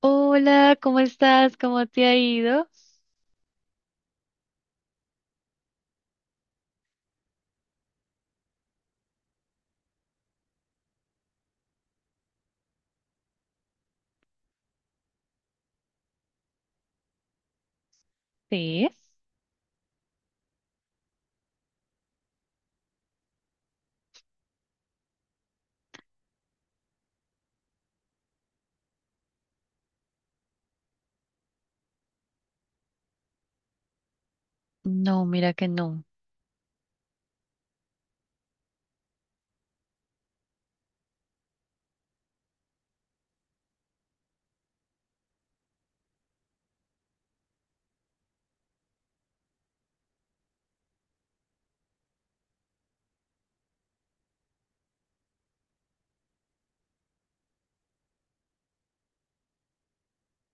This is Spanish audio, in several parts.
Hola, ¿cómo estás? ¿Cómo te ha ido? Sí. No, mira que no.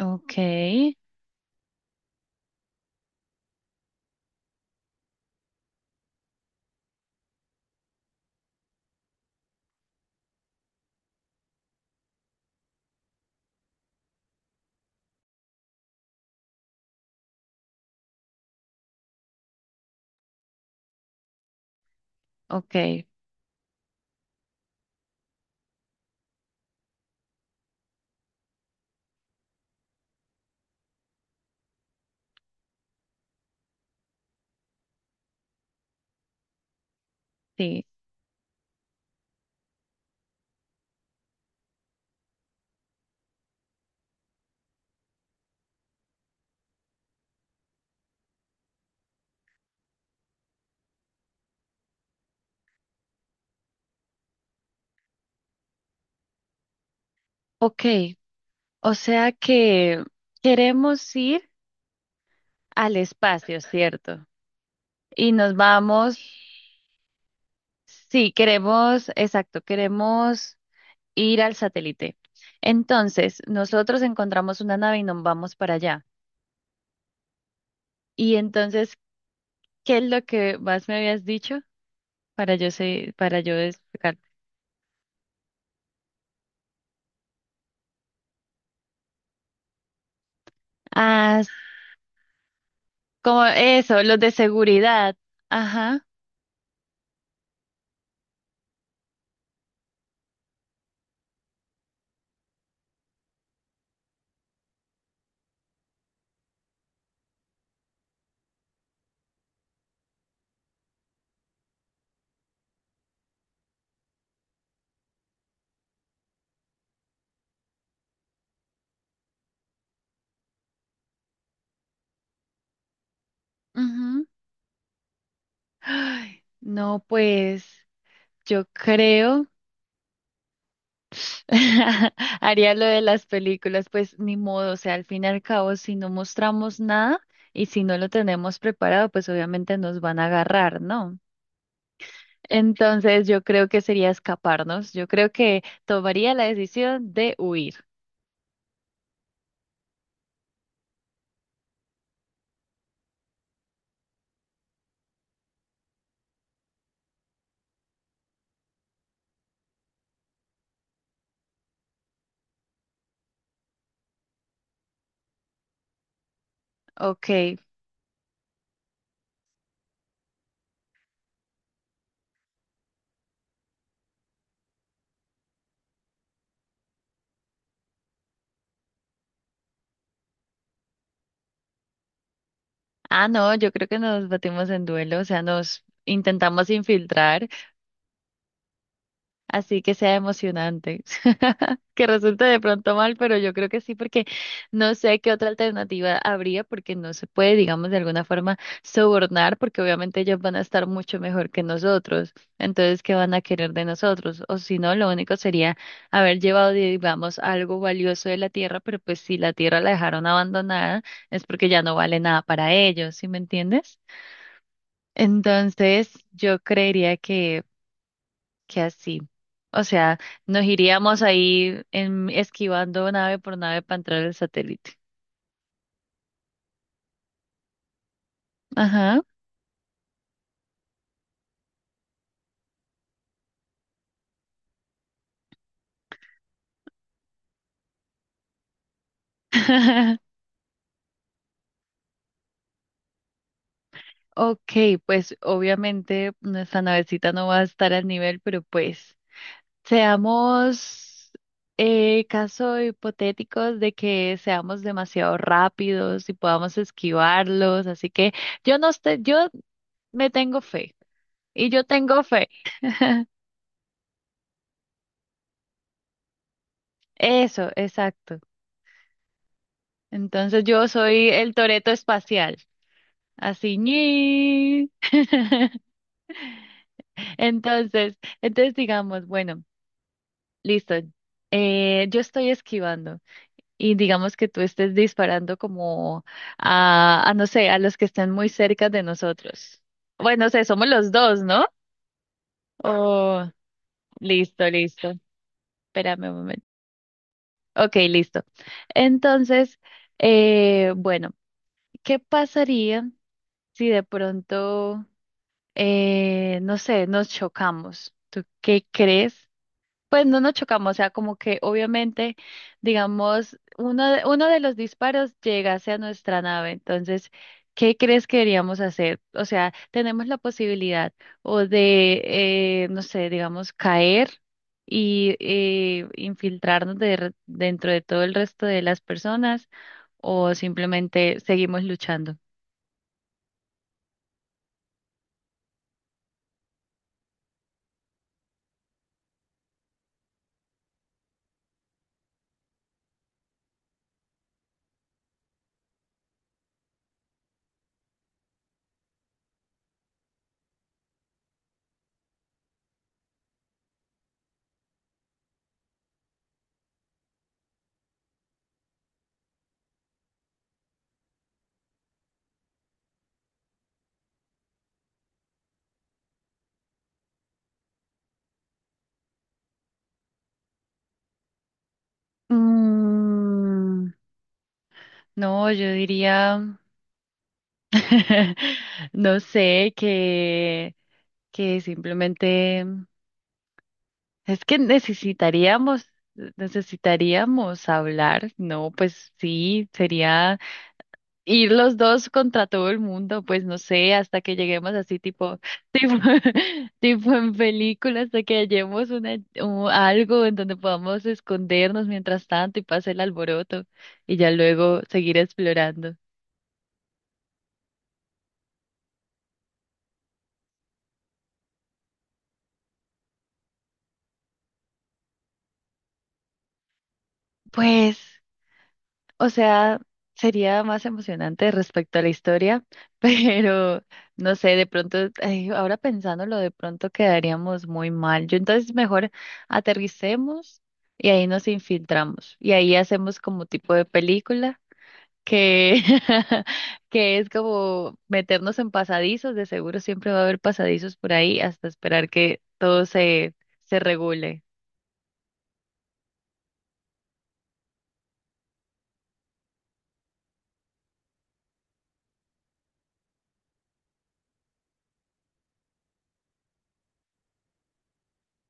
Ok, ok, sí. Ok, o sea que queremos ir al espacio, ¿cierto? Y nos vamos, sí, queremos, exacto, queremos ir al satélite. Entonces, nosotros encontramos una nave y nos vamos para allá. Y entonces, ¿qué es lo que más me habías dicho para yo sé, para yo explicar? Ah, como eso, los de seguridad. Ajá. Ujú. Ay, no, pues yo creo haría lo de las películas, pues ni modo, o sea, al fin y al cabo, si no mostramos nada y si no lo tenemos preparado, pues obviamente nos van a agarrar, ¿no? Entonces yo creo que sería escaparnos, yo creo que tomaría la decisión de huir. Ok. Ah, no, yo creo que nos batimos en duelo, o sea, nos intentamos infiltrar. Así que sea emocionante. Que resulte de pronto mal, pero yo creo que sí, porque no sé qué otra alternativa habría, porque no se puede, digamos, de alguna forma sobornar, porque obviamente ellos van a estar mucho mejor que nosotros. Entonces, ¿qué van a querer de nosotros? O si no, lo único sería haber llevado, digamos, algo valioso de la tierra, pero pues si la tierra la dejaron abandonada, es porque ya no vale nada para ellos, ¿sí me entiendes? Entonces, yo creería que así. O sea, nos iríamos ahí esquivando nave por nave para entrar al satélite. Ajá. Ok, pues obviamente nuestra navecita no va a estar al nivel, pero pues seamos caso hipotéticos de que seamos demasiado rápidos y podamos esquivarlos, así que yo no estoy, yo me tengo fe y yo tengo fe. Eso, exacto. Entonces yo soy el Toreto espacial. Así, ñi. Entonces, entonces, digamos, bueno, listo. Yo estoy esquivando y digamos que tú estés disparando como a, no sé, a los que estén muy cerca de nosotros. Bueno, o sea, somos los dos, ¿no? Oh, listo, listo. Espérame un momento. Ok, listo. Entonces, bueno, ¿qué pasaría si de pronto, no sé, nos chocamos? ¿Tú qué crees? Pues no nos chocamos, o sea, como que obviamente, digamos, uno de los disparos llegase a nuestra nave. Entonces, ¿qué crees que deberíamos hacer? O sea, tenemos la posibilidad o de, no sé, digamos, caer y infiltrarnos dentro de todo el resto de las personas o simplemente seguimos luchando. Mm, no, yo diría, no sé, que simplemente es que necesitaríamos hablar, ¿no? Pues sí, sería ir los dos contra todo el mundo, pues no sé, hasta que lleguemos así tipo, tipo en películas, hasta que hallemos algo en donde podamos escondernos mientras tanto y pase el alboroto y ya luego seguir explorando. Pues. O sea, sería más emocionante respecto a la historia, pero no sé, de pronto, ay, ahora pensándolo, de pronto quedaríamos muy mal. Yo entonces mejor aterricemos y ahí nos infiltramos y ahí hacemos como tipo de película que, que es como meternos en pasadizos, de seguro siempre va a haber pasadizos por ahí hasta esperar que todo se regule.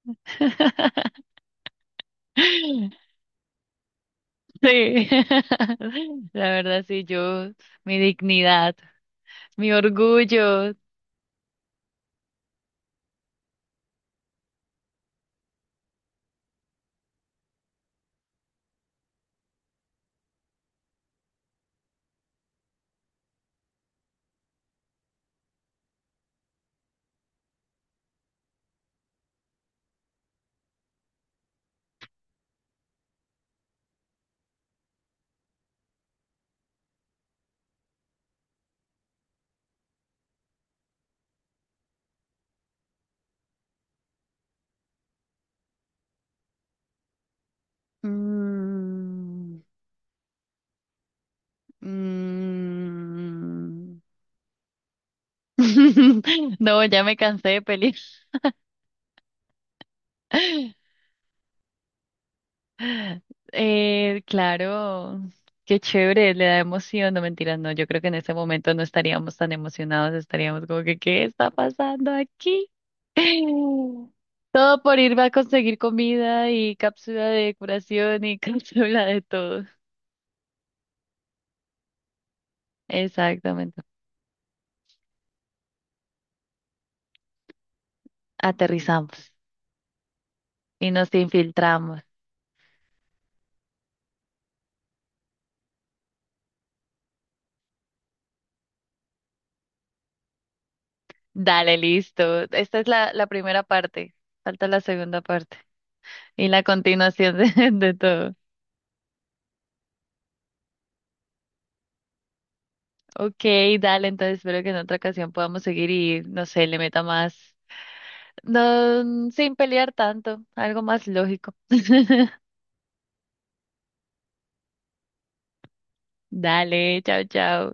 Sí, la verdad sí, yo, mi dignidad, mi orgullo. Mm, mm. No, ya me cansé de pelear. Claro, qué chévere, le da emoción, no mentiras, no, yo creo que en ese momento no estaríamos tan emocionados, estaríamos como que, ¿qué está pasando aquí? Todo por ir a conseguir comida y cápsula de curación y cápsula de todo. Exactamente. Aterrizamos y nos infiltramos. Dale, listo. Esta es la primera parte. Falta la segunda parte y la continuación de todo. Ok, dale, entonces espero que en otra ocasión podamos seguir y, no sé, le meta más, no, sin pelear tanto, algo más lógico. Dale, chao, chao.